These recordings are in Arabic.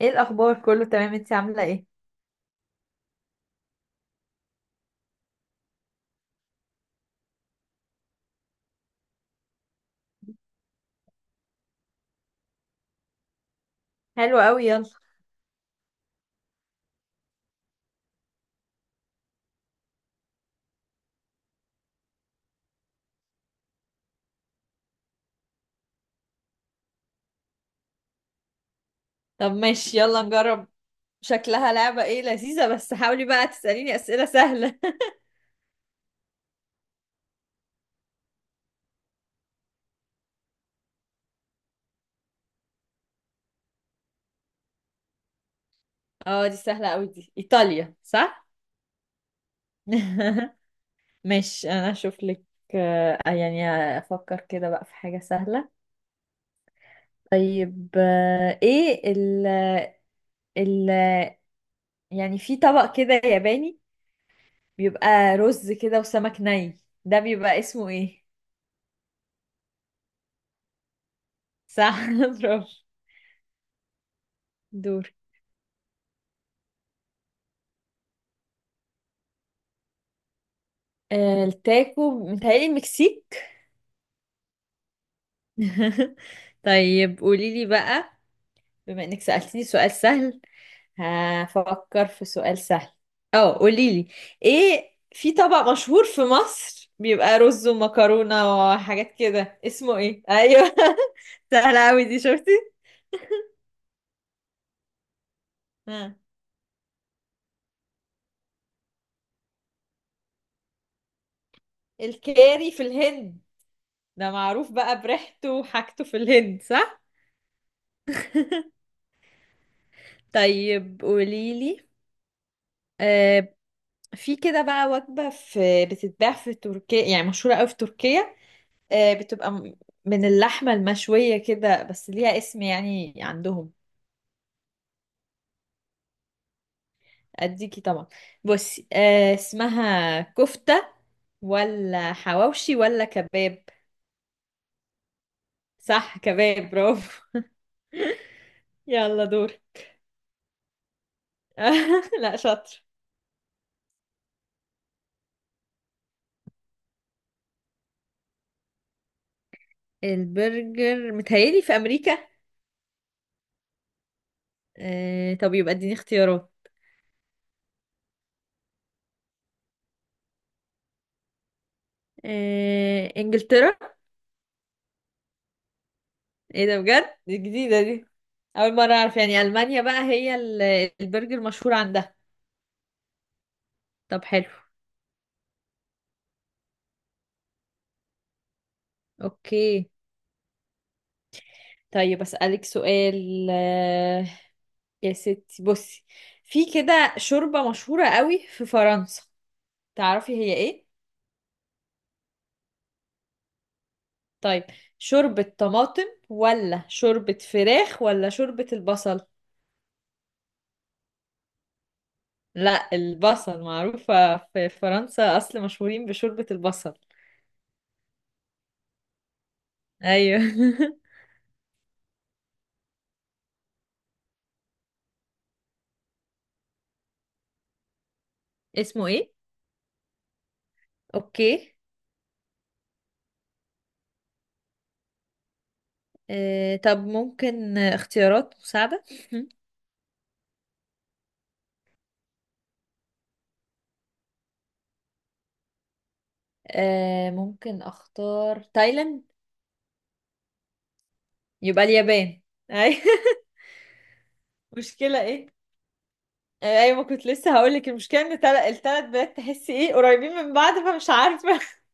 ايه الاخبار؟ كله تمام، انتي عامله ايه؟ حلو قوي، يلا. طب ماشي، يلا نجرب. شكلها لعبه ايه لذيذه، بس حاولي بقى تساليني اسئله سهله. اه، دي سهله قوي، دي ايطاليا، صح؟ ماشي، انا اشوف لك. يعني افكر كده بقى في حاجه سهله. طيب، آه، ايه ال ال يعني في طبق كده ياباني، بيبقى رز كده وسمك ني، ده بيبقى اسمه ايه؟ صح برافو. دور. التاكو متهيألي المكسيك. طيب قولي لي بقى، بما انك سألتني سؤال سهل هفكر في سؤال سهل. اه، قولي لي ايه، في طبق مشهور في مصر بيبقى رز ومكرونة وحاجات كده، اسمه ايه؟ ايوه سهلة اوي دي، شفتي؟ ها، الكاري في الهند، ده معروف بقى بريحته وحاجته في الهند، صح؟ طيب قولي لي، آه، في كده بقى وجبة في بتتباع في تركيا، يعني مشهورة قوي في تركيا، بتبقى من اللحمة المشوية كده، بس ليها اسم يعني عندهم. اديكي طبعا، بصي، اسمها كفتة ولا حواوشي ولا كباب؟ صح، كباب، برافو. يلا دور. لا شاطر. البرجر متهيألي في أمريكا. طب يبقى اديني اختيارات. انجلترا. ايه ده، بجد، دي جديدة دي. اول مرة اعرف يعني المانيا بقى هي البرجر مشهور عندها. طب حلو. اوكي. طيب اسألك سؤال، يا ستي بصي، في كده شوربة مشهورة قوي في فرنسا، تعرفي هي ايه؟ طيب، شوربة طماطم ولا شوربة فراخ ولا شوربة البصل؟ لا، البصل معروفة في فرنسا، اصل مشهورين بشوربة البصل. ايوه. اسمه ايه؟ اوكي. طب ممكن اختيارات مساعدة. ممكن اختار تايلاند. يبقى اليابان. أي مشكلة ايه؟ ايوه، ما كنت لسه هقولك، المشكلة ان التلات بلاد تحسي ايه قريبين من بعض، فمش عارفة.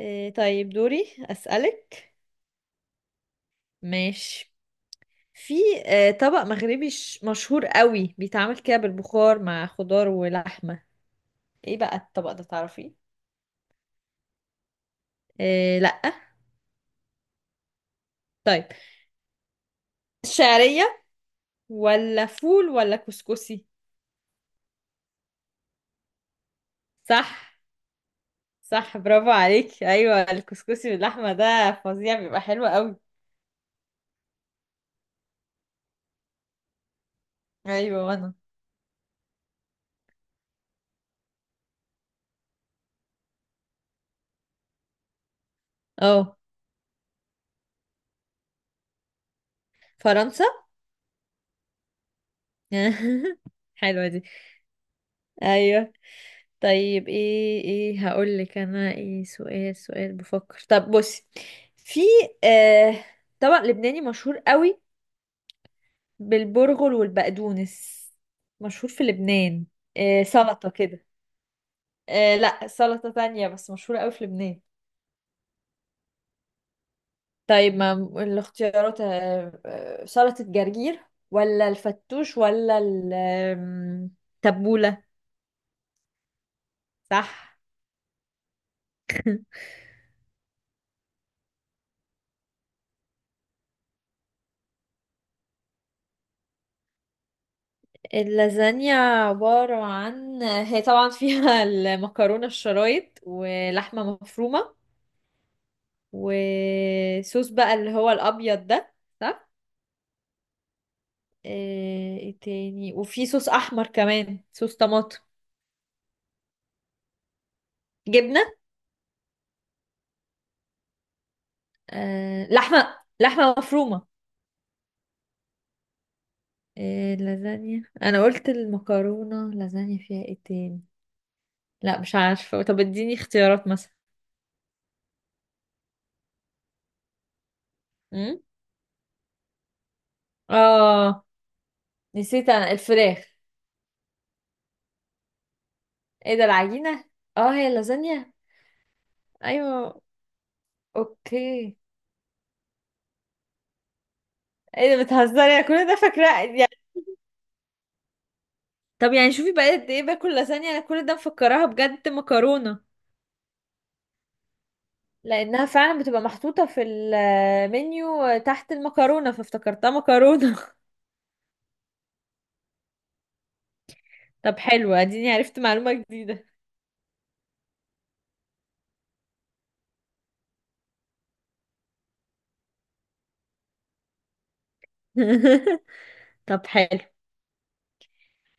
طيب دوري اسألك. ماشي، في طبق مغربي مشهور قوي بيتعمل كده بالبخار مع خضار ولحمة، ايه بقى الطبق ده، تعرفيه؟ لأ. طيب، شعرية ولا فول ولا كسكسي؟ صح. صح برافو عليك، ايوه، الكسكسي باللحمه ده فظيع، بيبقى حلو قوي. ايوه وانا. اه فرنسا. حلوه دي. ايوه. طيب، ايه هقول لك انا ايه، سؤال بفكر، طب بصي، في آه طبق لبناني مشهور قوي بالبرغل والبقدونس، مشهور في لبنان. آه، سلطة كده. آه لا، سلطة تانية بس مشهورة قوي في لبنان. طيب، ما الاختيارات، سلطة جرجير ولا الفتوش ولا التبولة؟ صح. اللازانيا عبارة عن، هي طبعا فيها المكرونة الشرايط ولحمة مفرومة وصوص بقى اللي هو الأبيض ده، صح؟ ايه تاني، وفي صوص أحمر كمان، صوص طماطم. جبنة. لحمة مفرومة. إيه، اللازانيا انا قلت المكرونه، اللازانيا فيها ايه تاني؟ لا مش عارفة، طب اديني اختيارات مثلا. امم اه، نسيت انا الفراخ. ايه ده، العجينة؟ اه، هي اللازانيا؟ ايوه. اوكي. ايه ده، بتهزري؟ انا كل ده فاكرة يعني. طب يعني شوفي بقى قد ايه باكل لازانيا، انا كل ده مفكراها بجد مكرونة، لانها فعلا بتبقى محطوطة في المنيو تحت المكرونة، فافتكرتها مكرونة. طب حلو، اديني عرفت معلومة جديدة. طب حلو.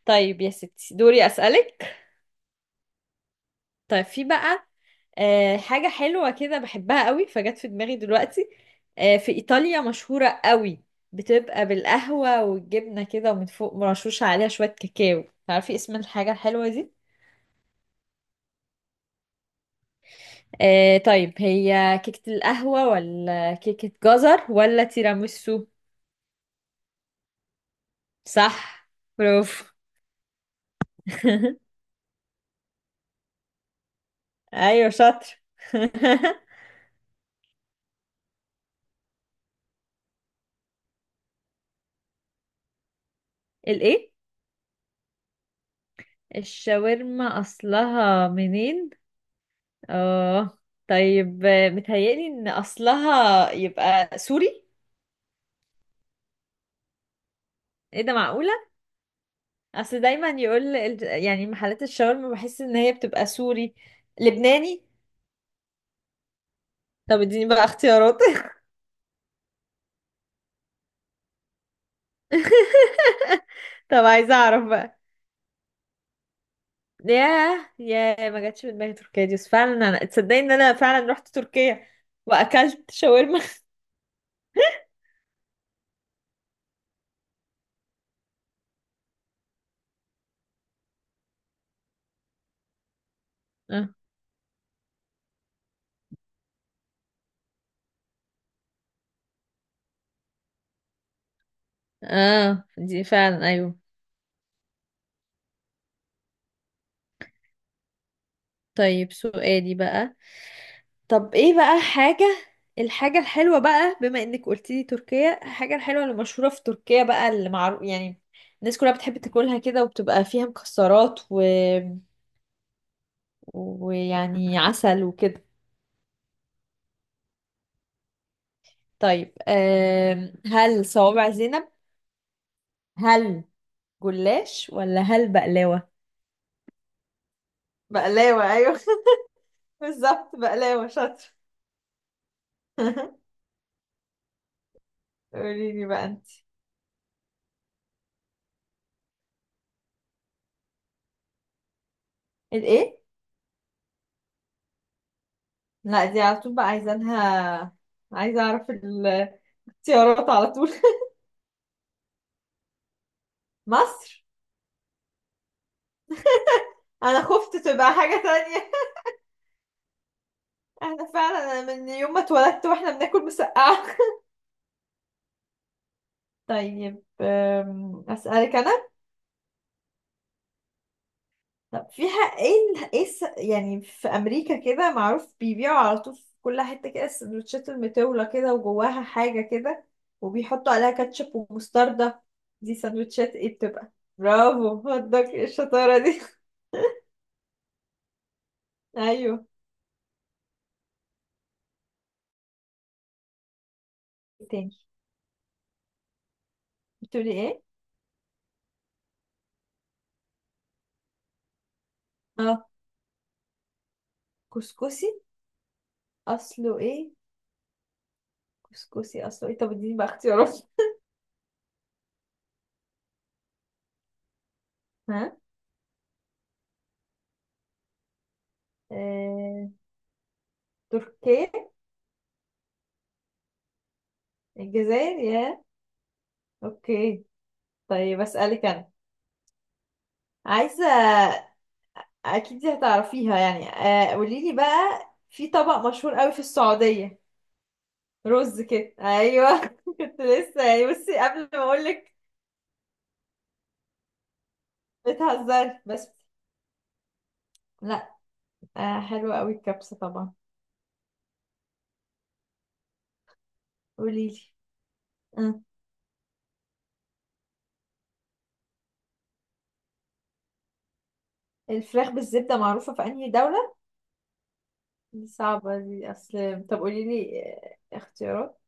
طيب يا ستي دوري اسألك. طيب، في بقى حاجة حلوة كده بحبها قوي، فجت في دماغي دلوقتي، في إيطاليا مشهورة قوي، بتبقى بالقهوة والجبنة كده، ومن فوق مرشوشة عليها شوية كاكاو، تعرفي اسم الحاجة الحلوة دي؟ طيب، هي كيكة القهوة ولا كيكة جزر ولا تيراميسو؟ صح، برافو. أيوة شاطر. الإيه؟ الشاورما أصلها منين؟ اه، طيب، متهيألي ان اصلها يبقى سوري. ايه ده، معقولة؟ اصل دايما يقول يعني محلات الشاورما بحس ان هي بتبقى سوري لبناني. طب اديني بقى اختيارات. طب عايزة اعرف بقى. ياه ياه، ما جاتش في دماغي تركيا دي، بس فعلا انا تصدقي ان انا فعلا رحت تركيا واكلت شاورما. اه، اه، دي فعلا، ايوه. طيب سؤالي بقى، طب ايه بقى حاجة، الحاجة الحلوة بقى، بما انك قلتيلي تركيا، الحاجة الحلوة اللي مشهورة في تركيا بقى، اللي معروف يعني الناس كلها بتحب تاكلها كده، وبتبقى فيها مكسرات و... ويعني عسل وكده. طيب، هل صوابع زينب، هل جلاش، ولا هل بقلاوة؟ بقلاوة، ايوه بالظبط، بقلاوة، شاطر. قوليلي بقى انت. الايه؟ لا، دي على طول بقى عايزانها، عايزة اعرف الاختيارات على طول. مصر. انا خفت تبقى حاجة تانية. احنا فعلا، أنا من يوم ما اتولدت واحنا بناكل مسقعة. طيب، اسألك انا. طب فيها ايه، يعني في امريكا كده معروف بيبيعوا على طول في كل حتة كده السندوتشات المطولة كده، وجواها حاجة كده، وبيحطوا عليها كاتشب ومستردة، دي سندوتشات ايه بتبقى؟ برافو، هدك الشطارة دي. ايوه. تاني؟ بتقولي ايه؟ اه، كسكسي، اصله ايه؟ كسكسي اصلا، طب اديني بقى اختيارات. ها، آه... تركيا. الجزائر، يا. اوكي. طيب اسالك انا. عايزه اكيد دي هتعرفيها يعني، قولي لي بقى، في طبق مشهور قوي في السعوديه. رز كده، ايوه كنت لسه يعني بصي قبل ما اقول لك. بتهزري بس. لا. حلوه قوي الكبسه طبعا. قولي لي، آه. الفراخ بالزبده معروفه في انهي دوله؟ دي صعبه دي، اصل، طب قولي لي اختيارات.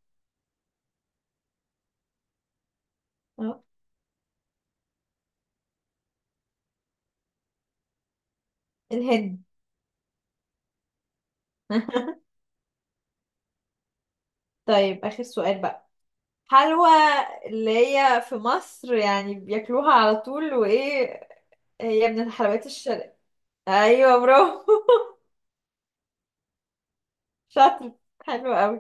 الهند. طيب آخر سؤال بقى، حلوى اللي هي في مصر يعني بياكلوها على طول، وإيه، هي من الحلويات الشرقية. أيوة برافو. شاطر. حلو أوي.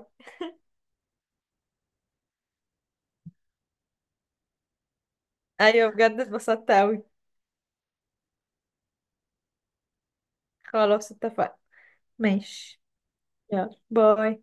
أيوة بجد اتبسطت أوي. خلاص اتفقنا. ماشي. يلا باي.